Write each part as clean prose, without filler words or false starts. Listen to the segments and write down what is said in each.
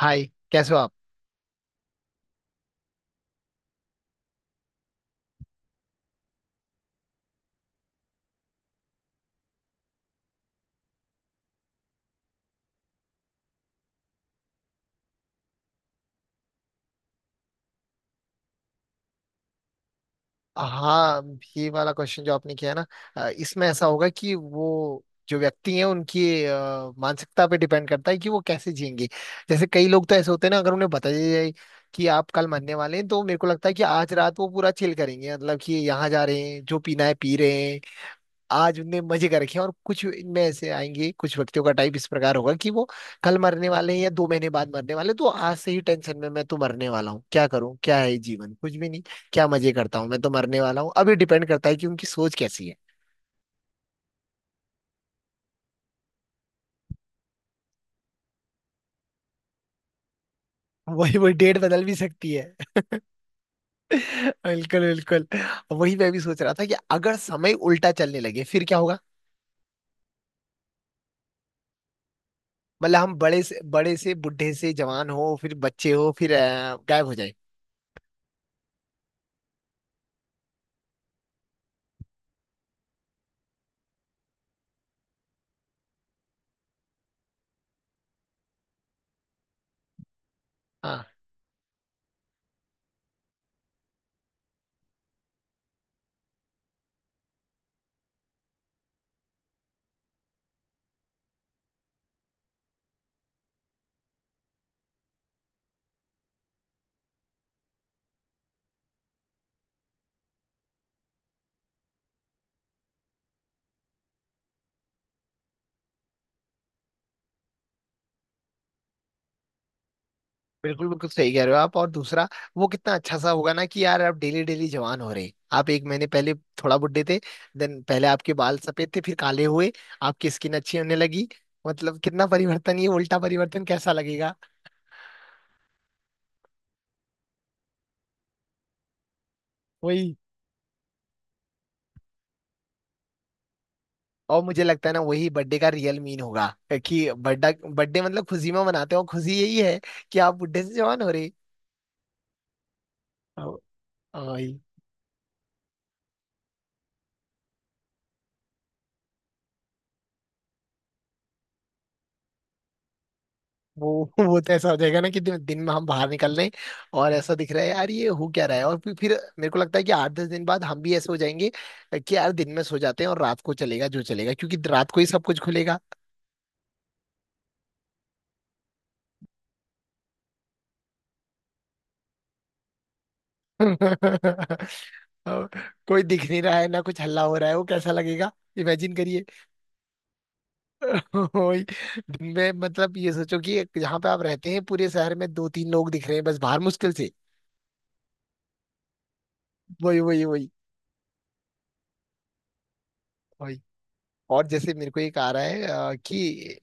हाय। कैसे हो आप? हाँ, ये वाला क्वेश्चन जो आपने किया है ना, इसमें ऐसा होगा कि वो जो व्यक्ति हैं उनकी मानसिकता पे डिपेंड करता है कि वो कैसे जिएंगे। जैसे कई लोग तो ऐसे होते हैं ना, अगर उन्हें बता दिया जाए कि आप कल मरने वाले हैं, तो मेरे को लगता है कि आज रात वो पूरा चिल करेंगे, मतलब कि यहाँ जा रहे हैं जो पीना है पी रहे। आज उनने मजे कर रखे हैं। और कुछ इनमें ऐसे आएंगे, कुछ व्यक्तियों का टाइप इस प्रकार होगा कि वो कल मरने वाले हैं या 2 महीने बाद मरने वाले हैं, तो आज से ही टेंशन में, मैं तो मरने वाला हूँ, क्या करूँ, क्या है ये जीवन, कुछ भी नहीं, क्या मजे करता हूँ, मैं तो मरने वाला हूँ अभी। डिपेंड करता है कि उनकी सोच कैसी है। वही वही, डेट बदल भी सकती है। बिल्कुल बिल्कुल। वही मैं भी सोच रहा था कि अगर समय उल्टा चलने लगे फिर क्या होगा। मतलब हम बड़े से बूढ़े से जवान हो, फिर बच्चे हो, फिर गायब हो जाए। बिल्कुल बिल्कुल सही कह रहे हो आप। और दूसरा, वो कितना अच्छा सा होगा ना कि यार आप डेली डेली जवान हो रहे। आप एक महीने पहले थोड़ा बुड्ढे थे, देन पहले आपके बाल सफेद थे फिर काले हुए, आपकी स्किन अच्छी होने लगी। मतलब कितना परिवर्तन, ये उल्टा परिवर्तन कैसा लगेगा। वही। और मुझे लगता है ना, वही बर्थडे का रियल मीन होगा कि बर्थडे बर्थडे मतलब खुशी में मनाते हो, खुशी यही है कि आप बुड्ढे से जवान हो रहे। अ- वही। वो वो तो ऐसा हो जाएगा ना कि दिन, दिन में हम बाहर निकल रहे हैं और ऐसा दिख रहा है, यार ये हो क्या रहा है। और फिर मेरे को लगता है कि 8-10 दिन बाद हम भी ऐसे हो जाएंगे कि यार दिन में सो जाते हैं और रात को चलेगा जो चलेगा, क्योंकि रात को ही सब कुछ खुलेगा। और कोई दिख नहीं रहा है ना, कुछ हल्ला हो रहा है, वो कैसा लगेगा। इमेजिन करिए। वही। दिन में मतलब ये सोचो कि एक, जहाँ पे आप रहते हैं, पूरे शहर में दो तीन लोग दिख रहे हैं बस, बाहर मुश्किल से। वही वही वही वही। और जैसे मेरे को एक आ रहा है कि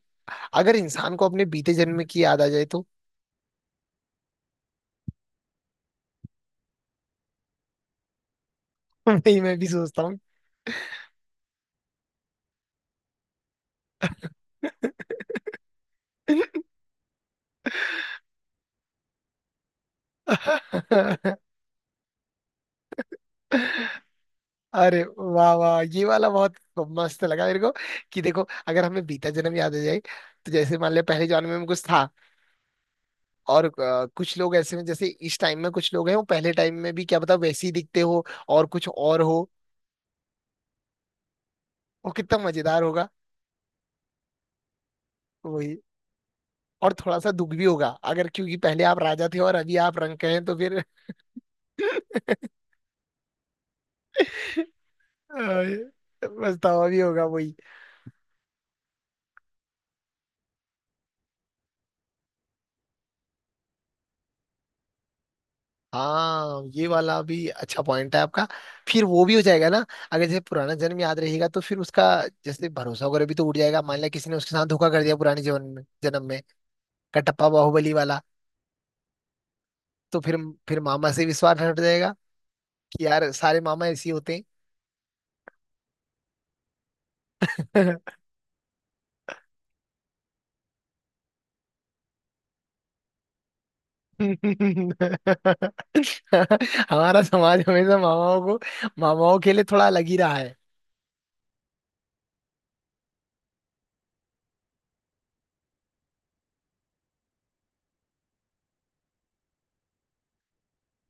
अगर इंसान को अपने बीते जन्म की याद आ जाए तो? वही, मैं भी सोचता हूँ। अरे वाह वाह, ये वाला बहुत मस्त लगा मेरे को। कि देखो, अगर हमें बीता जन्म याद आ जाए, तो जैसे मान लिया पहले जन्म में कुछ था और कुछ लोग ऐसे हैं, जैसे इस टाइम में कुछ लोग हैं, वो पहले टाइम में भी क्या पता वैसे ही दिखते हो, और कुछ और हो। वो कितना मजेदार होगा। वही। और थोड़ा सा दुख भी होगा अगर, क्योंकि पहले आप राजा थे और अभी आप रंक हैं, तो फिर पछतावा भी होगा। हाँ, ये वाला भी अच्छा पॉइंट है आपका। फिर वो भी हो जाएगा ना, अगर जैसे पुराना जन्म याद रहेगा तो फिर उसका जैसे भरोसा वगैरह भी तो उड़ जाएगा। मान लिया किसी ने उसके साथ धोखा कर दिया पुराने जीवन में, जन्म में। कटप्पा बाहुबली वाला। तो फिर मामा से विश्वास हट जाएगा कि यार सारे मामा ऐसे ही होते हैं। हमारा समाज हमेशा मामाओं के लिए थोड़ा अलग ही रहा।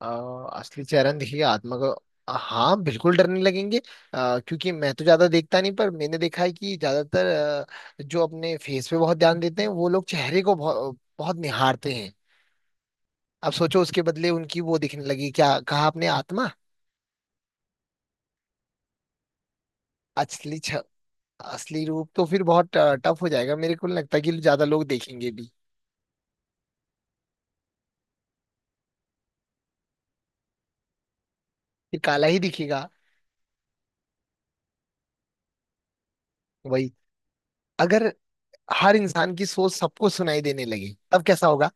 अ, असली चेहरा देखिए आत्मा का। हाँ, बिल्कुल डरने लगेंगे। क्योंकि मैं तो ज्यादा देखता नहीं, पर मैंने देखा है कि ज्यादातर जो अपने फेस पे बहुत ध्यान देते हैं, वो लोग चेहरे को बहुत, बहुत निहारते हैं। अब सोचो उसके बदले उनकी वो दिखने लगी, क्या कहा आपने, आत्मा। असली छ, असली रूप। तो फिर बहुत टफ हो जाएगा, मेरे को नहीं लगता कि ज्यादा लोग देखेंगे भी। फिर काला ही दिखेगा। वही। अगर हर इंसान की सोच सबको सुनाई देने लगी तब कैसा होगा?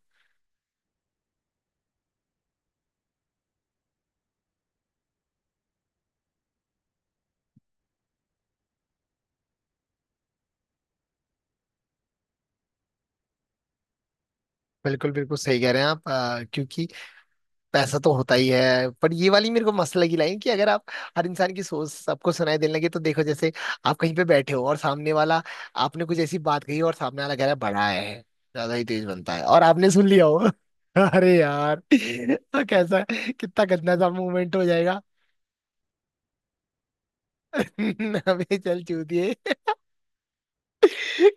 बिल्कुल बिल्कुल सही कह रहे हैं आप, क्योंकि पैसा तो होता ही है, पर ये वाली मेरे को मस्त लगी लाइन, कि अगर आप हर इंसान की सोच सबको सुनाई देने लगे। तो देखो, जैसे आप कहीं पे बैठे हो और सामने वाला, आपने कुछ ऐसी बात कही और सामने वाला कह रहा है बड़ा है, ज्यादा ही तेज बनता है, और आपने सुन लिया हो। अरे यार, तो कैसा, कितना गंदा सा मूवमेंट हो जाएगा। हमें चल चूतिए।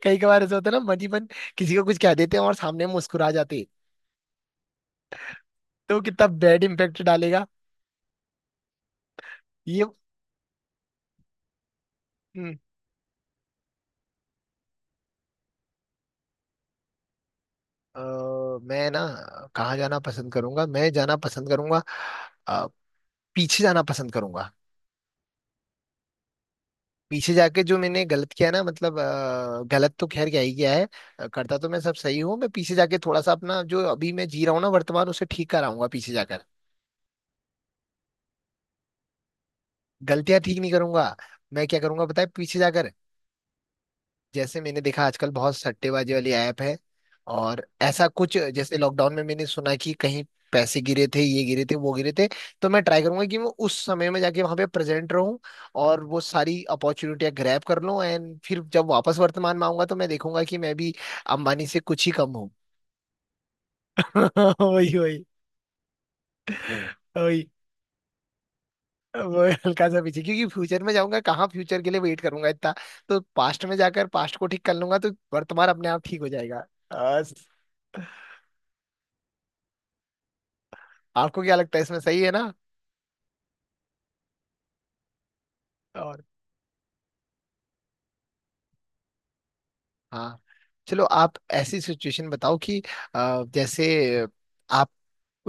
कई कबार ऐसा होता है ना, मन ही मन किसी को कुछ कह देते हैं और सामने मुस्कुरा जाते हैं। तो कितना बैड इम्पेक्ट डालेगा। ये। हम्म। अ, मैं ना कहाँ जाना पसंद करूंगा, मैं जाना पसंद करूंगा अ, पीछे जाना पसंद करूंगा। पीछे जाके जो मैंने गलत किया है ना, मतलब गलत तो खैर क्या ही किया है, करता तो मैं सब सही हूँ। मैं पीछे जाके थोड़ा सा अपना जो अभी मैं जी रहा हूँ ना वर्तमान, उसे ठीक कराऊंगा पीछे जाकर। गलतियां ठीक नहीं करूंगा, मैं क्या करूंगा बताए पीछे जाकर। जैसे मैंने देखा आजकल बहुत सट्टेबाजी वाली ऐप है, और ऐसा कुछ, जैसे लॉकडाउन में मैंने सुना कि कहीं पैसे गिरे थे, ये गिरे थे, वो गिरे थे। तो मैं ट्राई करूंगा कि मैं उस समय में जाके वहां पे प्रेजेंट रहूं और वो सारी अपॉर्चुनिटियां ग्रैब कर लूं, एंड फिर जब वापस वर्तमान में आऊंगा तो मैं देखूंगा कि मैं भी अंबानी से कुछ ही कम हूँ। वही वही वही। वो हल्का सा पीछे, क्योंकि फ्यूचर में जाऊंगा कहाँ, फ्यूचर के लिए वेट करूंगा इतना। तो पास्ट में जाकर पास्ट को ठीक कर लूंगा तो वर्तमान अपने आप ठीक हो जाएगा। आपको क्या लगता है, इसमें सही है ना? और हाँ, चलो आप ऐसी सिचुएशन बताओ कि जैसे आप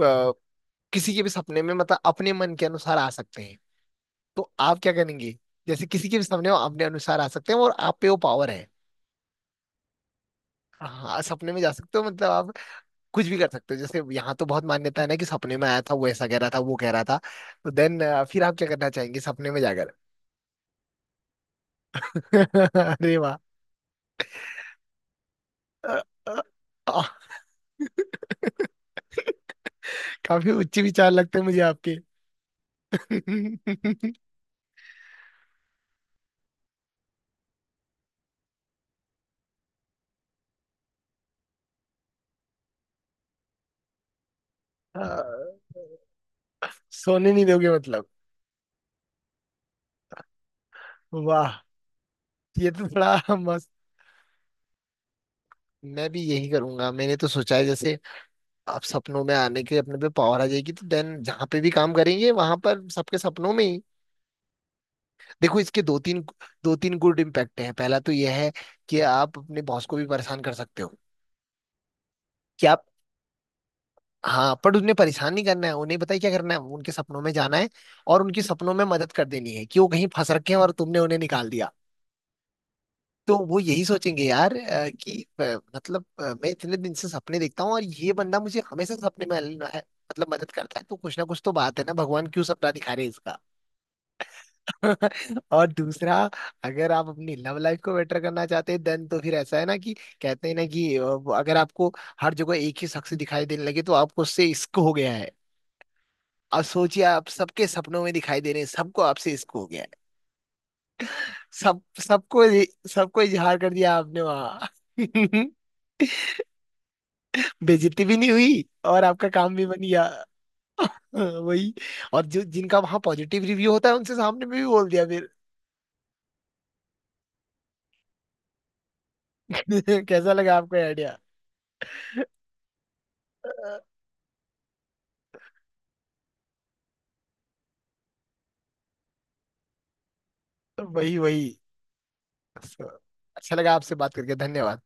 अ, किसी के भी सपने में, मतलब अपने मन के अनुसार आ सकते हैं, तो आप क्या करेंगे? जैसे किसी के भी सपने में अपने अनुसार आ सकते हैं और आप पे वो पावर है। हाँ, सपने में जा सकते हो, मतलब आप कुछ भी कर सकते हो। जैसे यहाँ तो बहुत मान्यता है ना कि सपने में आया था, वो ऐसा कह रहा था, वो कह रहा था। तो देन फिर आप क्या करना चाहेंगे सपने में जाकर? अरे वाह। अ, अ, अ, काफी उच्च विचार लगते हैं मुझे आपके। हाँ, सोने नहीं दोगे मतलब। वाह, ये तो बड़ा मस्त। मैं भी यही करूंगा, मैंने तो सोचा है जैसे आप सपनों में आने के अपने पे पावर आ जाएगी, तो देन जहां पे भी काम करेंगे वहां पर सबके सपनों में ही। देखो, इसके दो तीन गुड इम्पैक्ट हैं। पहला तो यह है कि आप अपने बॉस को भी परेशान कर सकते हो। कि आप हाँ, पर उन्हें परेशान नहीं करना है, उन्हें पता है क्या करना है, उनके सपनों में जाना है और उनके सपनों में मदद कर देनी है कि वो कहीं फंस रखे हैं और तुमने उन्हें निकाल दिया। तो वो यही सोचेंगे, यार कि अ, मतलब मैं इतने दिन से सपने देखता हूँ और ये बंदा मुझे हमेशा सपने में मतलब मदद करता है, तो कुछ ना कुछ तो बात है ना, भगवान क्यों सपना दिखा रहे हैं इसका। और दूसरा, अगर आप अपनी लव लाइफ को बेटर करना चाहते हैं, देन तो फिर ऐसा है ना कि, कहते हैं ना कि वो अगर आपको हर जगह एक ही शख्स दिखाई देने लगे, तो आपको उससे इश्क हो गया है। अब सोचिए आप सबके सपनों में दिखाई दे रहे हैं, सबको आपसे इश्क हो गया है। सब सबको सबको इजहार कर दिया आपने वहां। बेइज्जती भी नहीं हुई और आपका काम भी बन गया। हाँ, वही। और जो जिनका वहां पॉजिटिव रिव्यू होता है, उनसे सामने में भी बोल दिया फिर। कैसा लगा आपका आइडिया? वही वही। So, अच्छा लगा आपसे बात करके, धन्यवाद।